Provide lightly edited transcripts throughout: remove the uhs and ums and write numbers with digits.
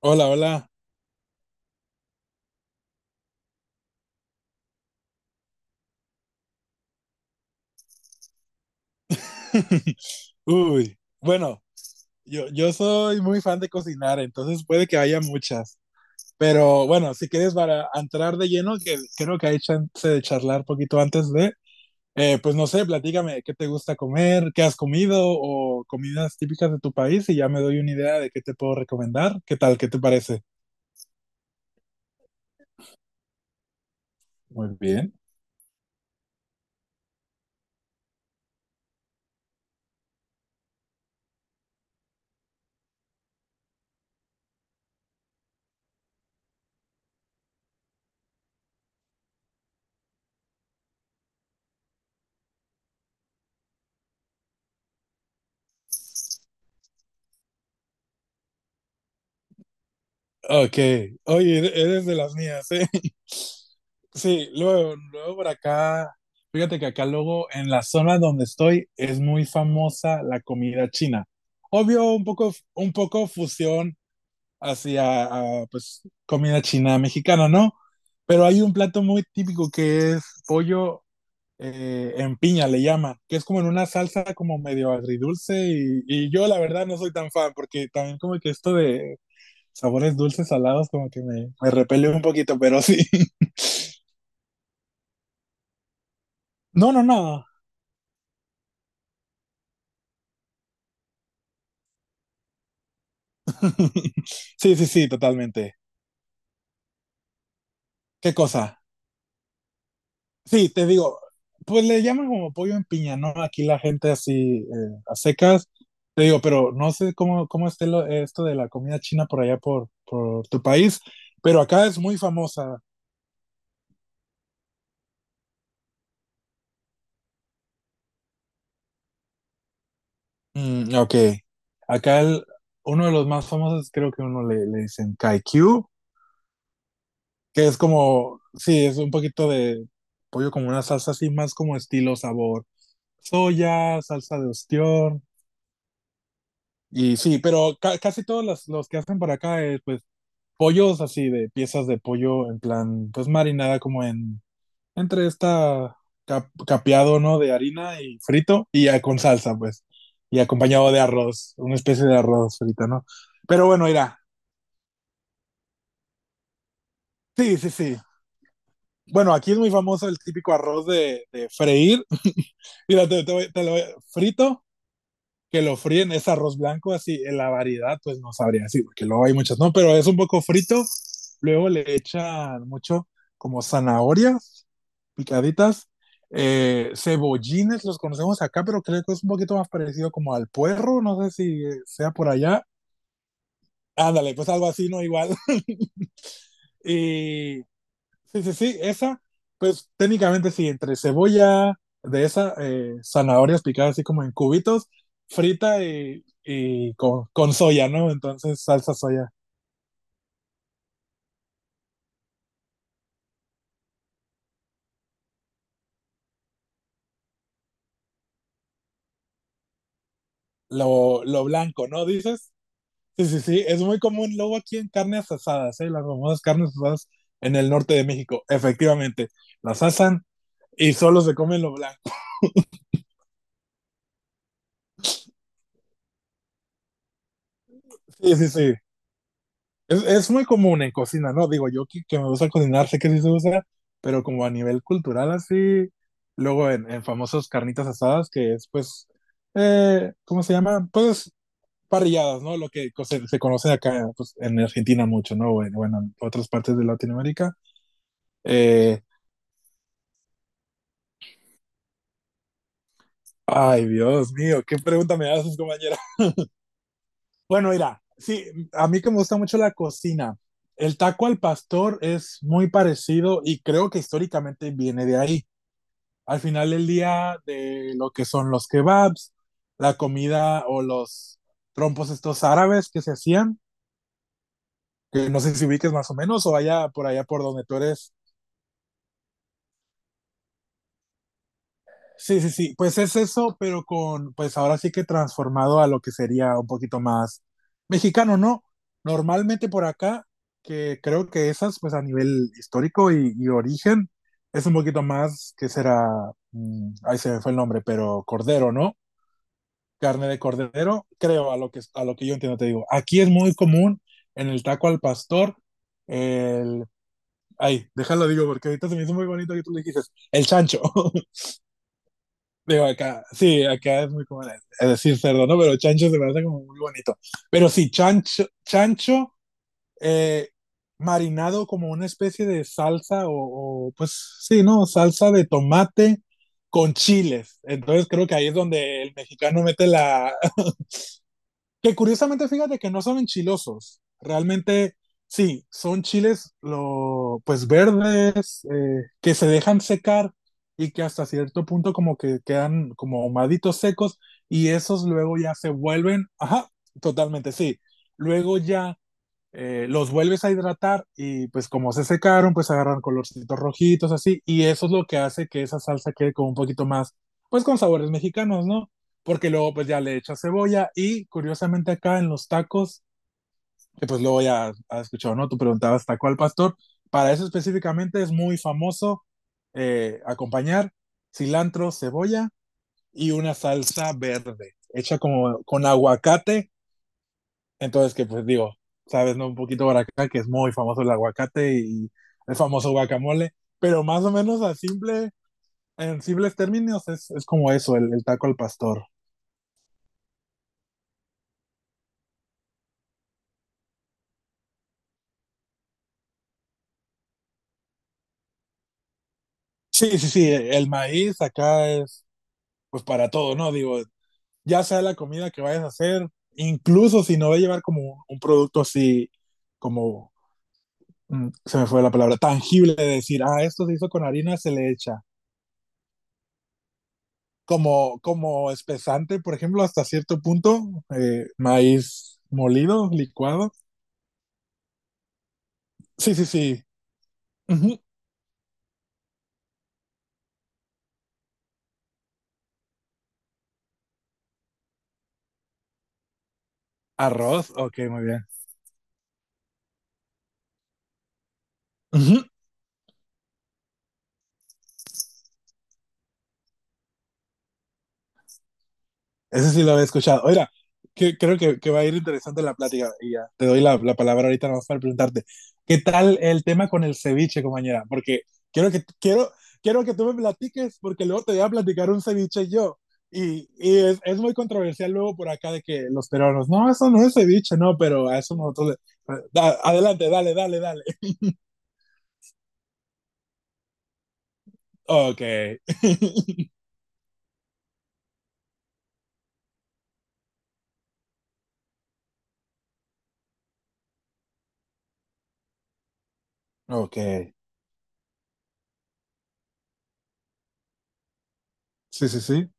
Hola, hola. Uy, bueno, yo soy muy fan de cocinar, entonces puede que haya muchas. Pero bueno, si quieres para entrar de lleno, que creo que hay chance de charlar poquito antes de, pues no sé, platícame qué te gusta comer, qué has comido o comidas típicas de tu país y ya me doy una idea de qué te puedo recomendar. ¿Qué tal? ¿Qué te parece? Muy bien. Ok, oye, eres de las mías, ¿eh? Sí, luego, luego por acá, fíjate que acá luego en la zona donde estoy es muy famosa la comida china. Obvio, un poco fusión hacia ah, pues, comida china mexicana, ¿no? Pero hay un plato muy típico que es pollo en piña, le llaman, que es como en una salsa como medio agridulce y yo la verdad no soy tan fan porque también como que esto de sabores dulces, salados, como que me repele un poquito, pero sí. No, no, no. Sí, sí, sí, totalmente. ¿Qué cosa? Sí, te digo, pues le llaman como pollo en piña, ¿no? Aquí la gente así a secas. Te digo, pero no sé cómo, cómo esté esto de la comida china por allá por tu país, pero acá es muy famosa. Mm, ok. Acá el- Uno de los más famosos, creo que uno le, le dicen Kaikyu, que es como, sí, es un poquito de pollo como una salsa así, más como estilo sabor soya, salsa de ostión. Y sí, pero casi todos los que hacen para acá es pues pollos así de piezas de pollo en plan pues marinada como en entre esta capeado, ¿no? De harina y frito y ya con salsa pues y acompañado de arroz, una especie de arroz frito, ¿no? Pero bueno, mira, sí, sí, sí. Bueno, aquí es muy famoso el típico arroz de freír. Mira, te voy- te lo voy- frito que lo fríen es arroz blanco, así, en la variedad, pues no sabría así, porque luego hay muchas, no, pero es un poco frito, luego le echan mucho como zanahorias picaditas, cebollines, los conocemos acá, pero creo que es un poquito más parecido como al puerro, no sé si sea por allá, ándale, pues algo así, no igual, y sí, sí, sí, esa, pues técnicamente sí, entre cebolla de esa, zanahorias picadas así como en cubitos, frita y con soya, ¿no? Entonces, salsa soya. Lo blanco, ¿no? Dices. Sí, sí, sí, es muy común luego aquí en carnes asadas, ¿eh? Las famosas carnes asadas en el norte de México, efectivamente. Las asan y solo se comen lo blanco. Sí, sí, sí. Es muy común en cocina, ¿no? Digo, yo que me gusta cocinar, sé que sí se usa, pero como a nivel cultural así, luego en famosos carnitas asadas, que es pues, ¿cómo se llama? Pues parrilladas, ¿no? Lo que se, se conoce acá pues, en Argentina mucho, ¿no? Bueno, bueno, en otras partes de Latinoamérica. Eh, ay, Dios mío, qué pregunta me haces, compañera. Bueno, mira, sí, a mí que me gusta mucho la cocina, el taco al pastor es muy parecido y creo que históricamente viene de ahí. Al final del día de lo que son los kebabs, la comida o los trompos estos árabes que se hacían, que no sé si ubiques más o menos o allá por allá por donde tú eres. Sí, sí, sí, pues es eso, pero con, pues ahora sí que transformado a lo que sería un poquito más mexicano, ¿no? Normalmente por acá, que creo que esas, pues a nivel histórico y origen, es un poquito más que será, mm, ahí se me fue el nombre, pero cordero, ¿no? Carne de cordero, creo, a lo que yo entiendo, te digo. Aquí es muy común en el taco al pastor, el... Ay, déjalo digo, porque ahorita se me hizo muy bonito que tú le dijiste, el chancho. Digo, acá, sí, acá es muy común es decir cerdo, ¿no? Pero chancho se me hace como muy bonito. Pero sí, chancho, chancho eh, marinado como una especie de salsa o, pues sí, ¿no? Salsa de tomate con chiles. Entonces creo que ahí es donde el mexicano mete la, que curiosamente, fíjate que no son enchilosos realmente, sí, son chiles lo, pues verdes, que se dejan secar y que hasta cierto punto como que quedan como ahumaditos secos y esos luego ya se vuelven, ajá, totalmente, sí. Luego ya, los vuelves a hidratar y pues como se secaron, pues agarran colorcitos rojitos así y eso es lo que hace que esa salsa quede como un poquito más, pues con sabores mexicanos, ¿no? Porque luego pues ya le echas cebolla y curiosamente acá en los tacos, que pues luego ya has escuchado, ¿no? Tú preguntabas taco al pastor, para eso específicamente es muy famoso acompañar cilantro, cebolla y una salsa verde hecha como con aguacate entonces, que pues digo, sabes, ¿no? Un poquito por acá, que es muy famoso el aguacate y el famoso guacamole, pero más o menos a simple, en simples términos es como eso, el taco al pastor. Sí, sí, sí, el maíz acá es pues para todo, ¿no? Digo, ya sea la comida que vayas a hacer, incluso si no va a llevar como un producto así, como, mm, se me fue la palabra, tangible, de decir, ah, esto se hizo con harina, se le echa, como, como espesante, por ejemplo, hasta cierto punto, maíz molido, licuado. Sí, sí, sí. Ujú. Arroz, ok, muy bien. Ujú. Ese sí lo había escuchado. Oiga, que, creo que va a ir interesante la plática. Y ya te doy la, la palabra ahorita nomás para preguntarte. ¿Qué tal el tema con el ceviche, compañera? Porque quiero que, quiero, quiero que tú me platiques, porque luego te voy a platicar un ceviche yo. Y es muy controversial luego por acá de que los peruanos, no, eso no es ceviche, no, pero a eso nosotros. Adelante, dale, dale, dale. Ok, ok. Sí, sí, sí.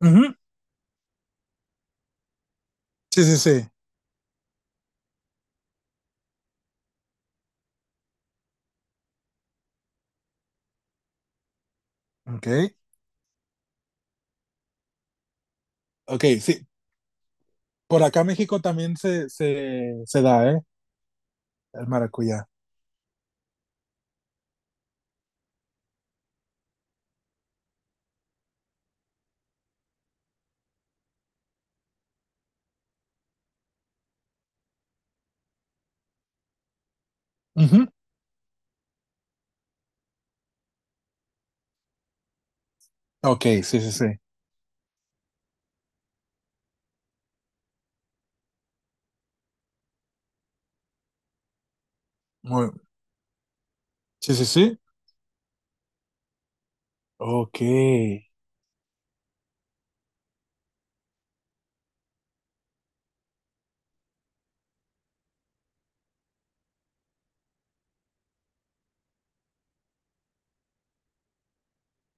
Ujú. Sí, sí, sí. Ok. Ok, sí, por acá en México también se da, ¿eh? El maracuyá. Ujú. Ok, sí, sí, sí. Muy, sí, sí, sí. Ok.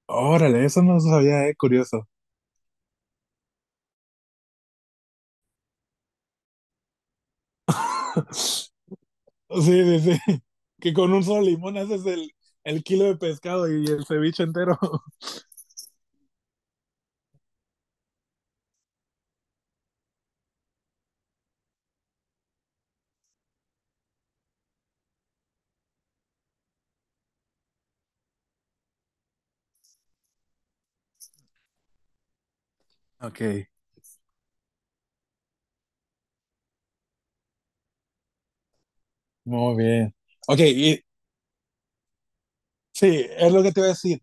Órale, eso no lo sabía, ¿eh? Curioso. Sí, sí, sí. Que con un solo limón haces el kilo de pescado y el ceviche entero. Ok, muy bien. Ok, y sí, es lo que te iba a decir.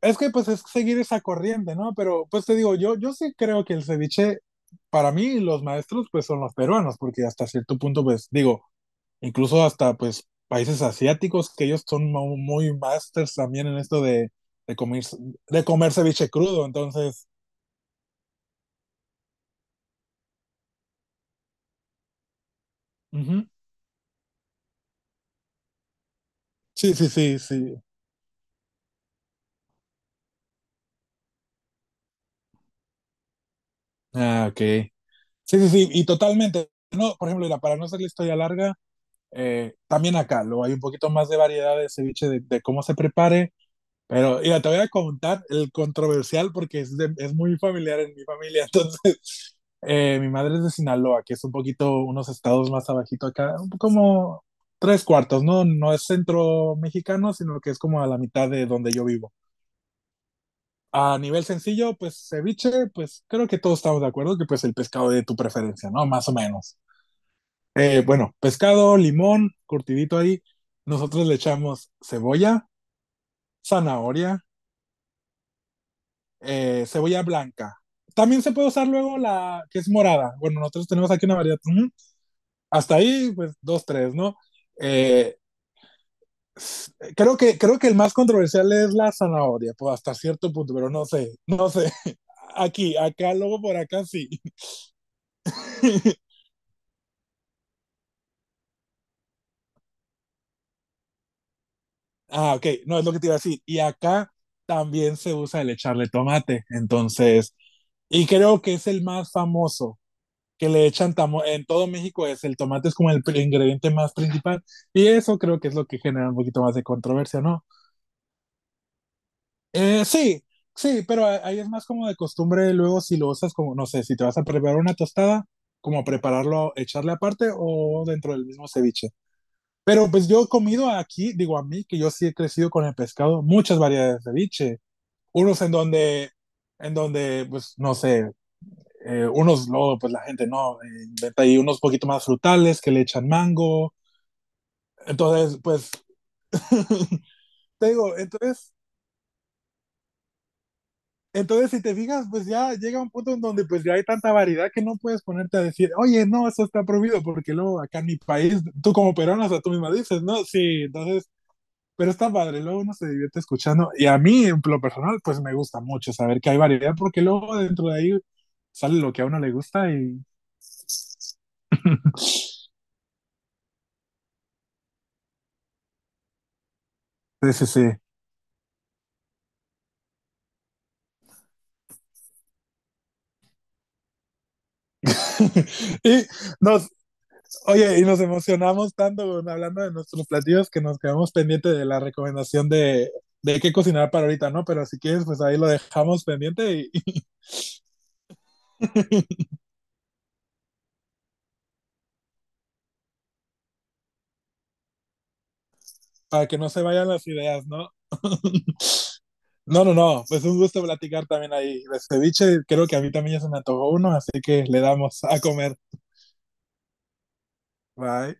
Es que pues es seguir esa corriente, ¿no? Pero pues te digo, yo sí creo que el ceviche, para mí los maestros pues son los peruanos, porque hasta cierto punto pues digo, incluso hasta pues países asiáticos, que ellos son muy masters también en esto de comer, de comer ceviche crudo, entonces, ujú. Sí, sí, sí, sí. Ah, ok. Sí, sí, sí, y totalmente. No, por ejemplo, mira, para no hacer la historia larga, también acá lo hay un poquito más de variedad de ceviche de cómo se prepare. Pero, mira, te voy a contar el controversial porque es, es muy familiar en mi familia. Entonces, mi madre es de Sinaloa, que es un poquito, unos estados más abajito acá, un poco como tres cuartos, ¿no? No es centro mexicano, sino que es como a la mitad de donde yo vivo. A nivel sencillo, pues ceviche, pues creo que todos estamos de acuerdo que pues el pescado de tu preferencia, ¿no? Más o menos. Bueno, pescado, limón, curtidito ahí. Nosotros le echamos cebolla, zanahoria, cebolla blanca. También se puede usar luego la que es morada. Bueno, nosotros tenemos aquí una variedad. Ujú. Hasta ahí, pues dos, tres, ¿no? Eh, creo que el más controversial es la zanahoria, pues hasta cierto punto, pero no sé, no sé. Aquí, acá, luego por acá sí. Ah, ok, no es lo que te iba a decir. Y acá también se usa el echarle tomate, entonces, y creo que es el más famoso. Que le echan tamo en todo México es el tomate es como el ingrediente más principal y eso creo que es lo que genera un poquito más de controversia, ¿no? Sí, sí, pero ahí es más como de costumbre luego si lo usas como, no sé, si te vas a preparar una tostada, como prepararlo, echarle aparte o dentro del mismo ceviche. Pero pues yo he comido aquí, digo a mí, que yo sí he crecido con el pescado, muchas variedades de ceviche, unos en donde, pues no sé, unos, luego, pues la gente no, inventa ahí unos poquito más frutales que le echan mango. Entonces, pues, te digo, entonces, entonces si te fijas, pues ya llega un punto en donde pues ya hay tanta variedad que no puedes ponerte a decir, oye, no, eso está prohibido, porque luego acá en mi país, tú como peruano, hasta tú misma dices, ¿no? Sí, entonces, pero está padre, luego uno se divierte escuchando. Y a mí, en lo personal, pues me gusta mucho saber que hay variedad, porque luego dentro de ahí sale lo que a uno le gusta y... sí, sí, sí. Y nos, oye, y nos emocionamos tanto bueno, hablando de nuestros platillos que nos quedamos pendiente de la recomendación de qué cocinar para ahorita, ¿no? Pero si quieres, pues ahí lo dejamos pendiente y para que no se vayan las ideas, ¿no? No, no, no, pues un gusto platicar también ahí. De ceviche, creo que a mí también ya se me antojó uno, así que le damos a comer. Bye.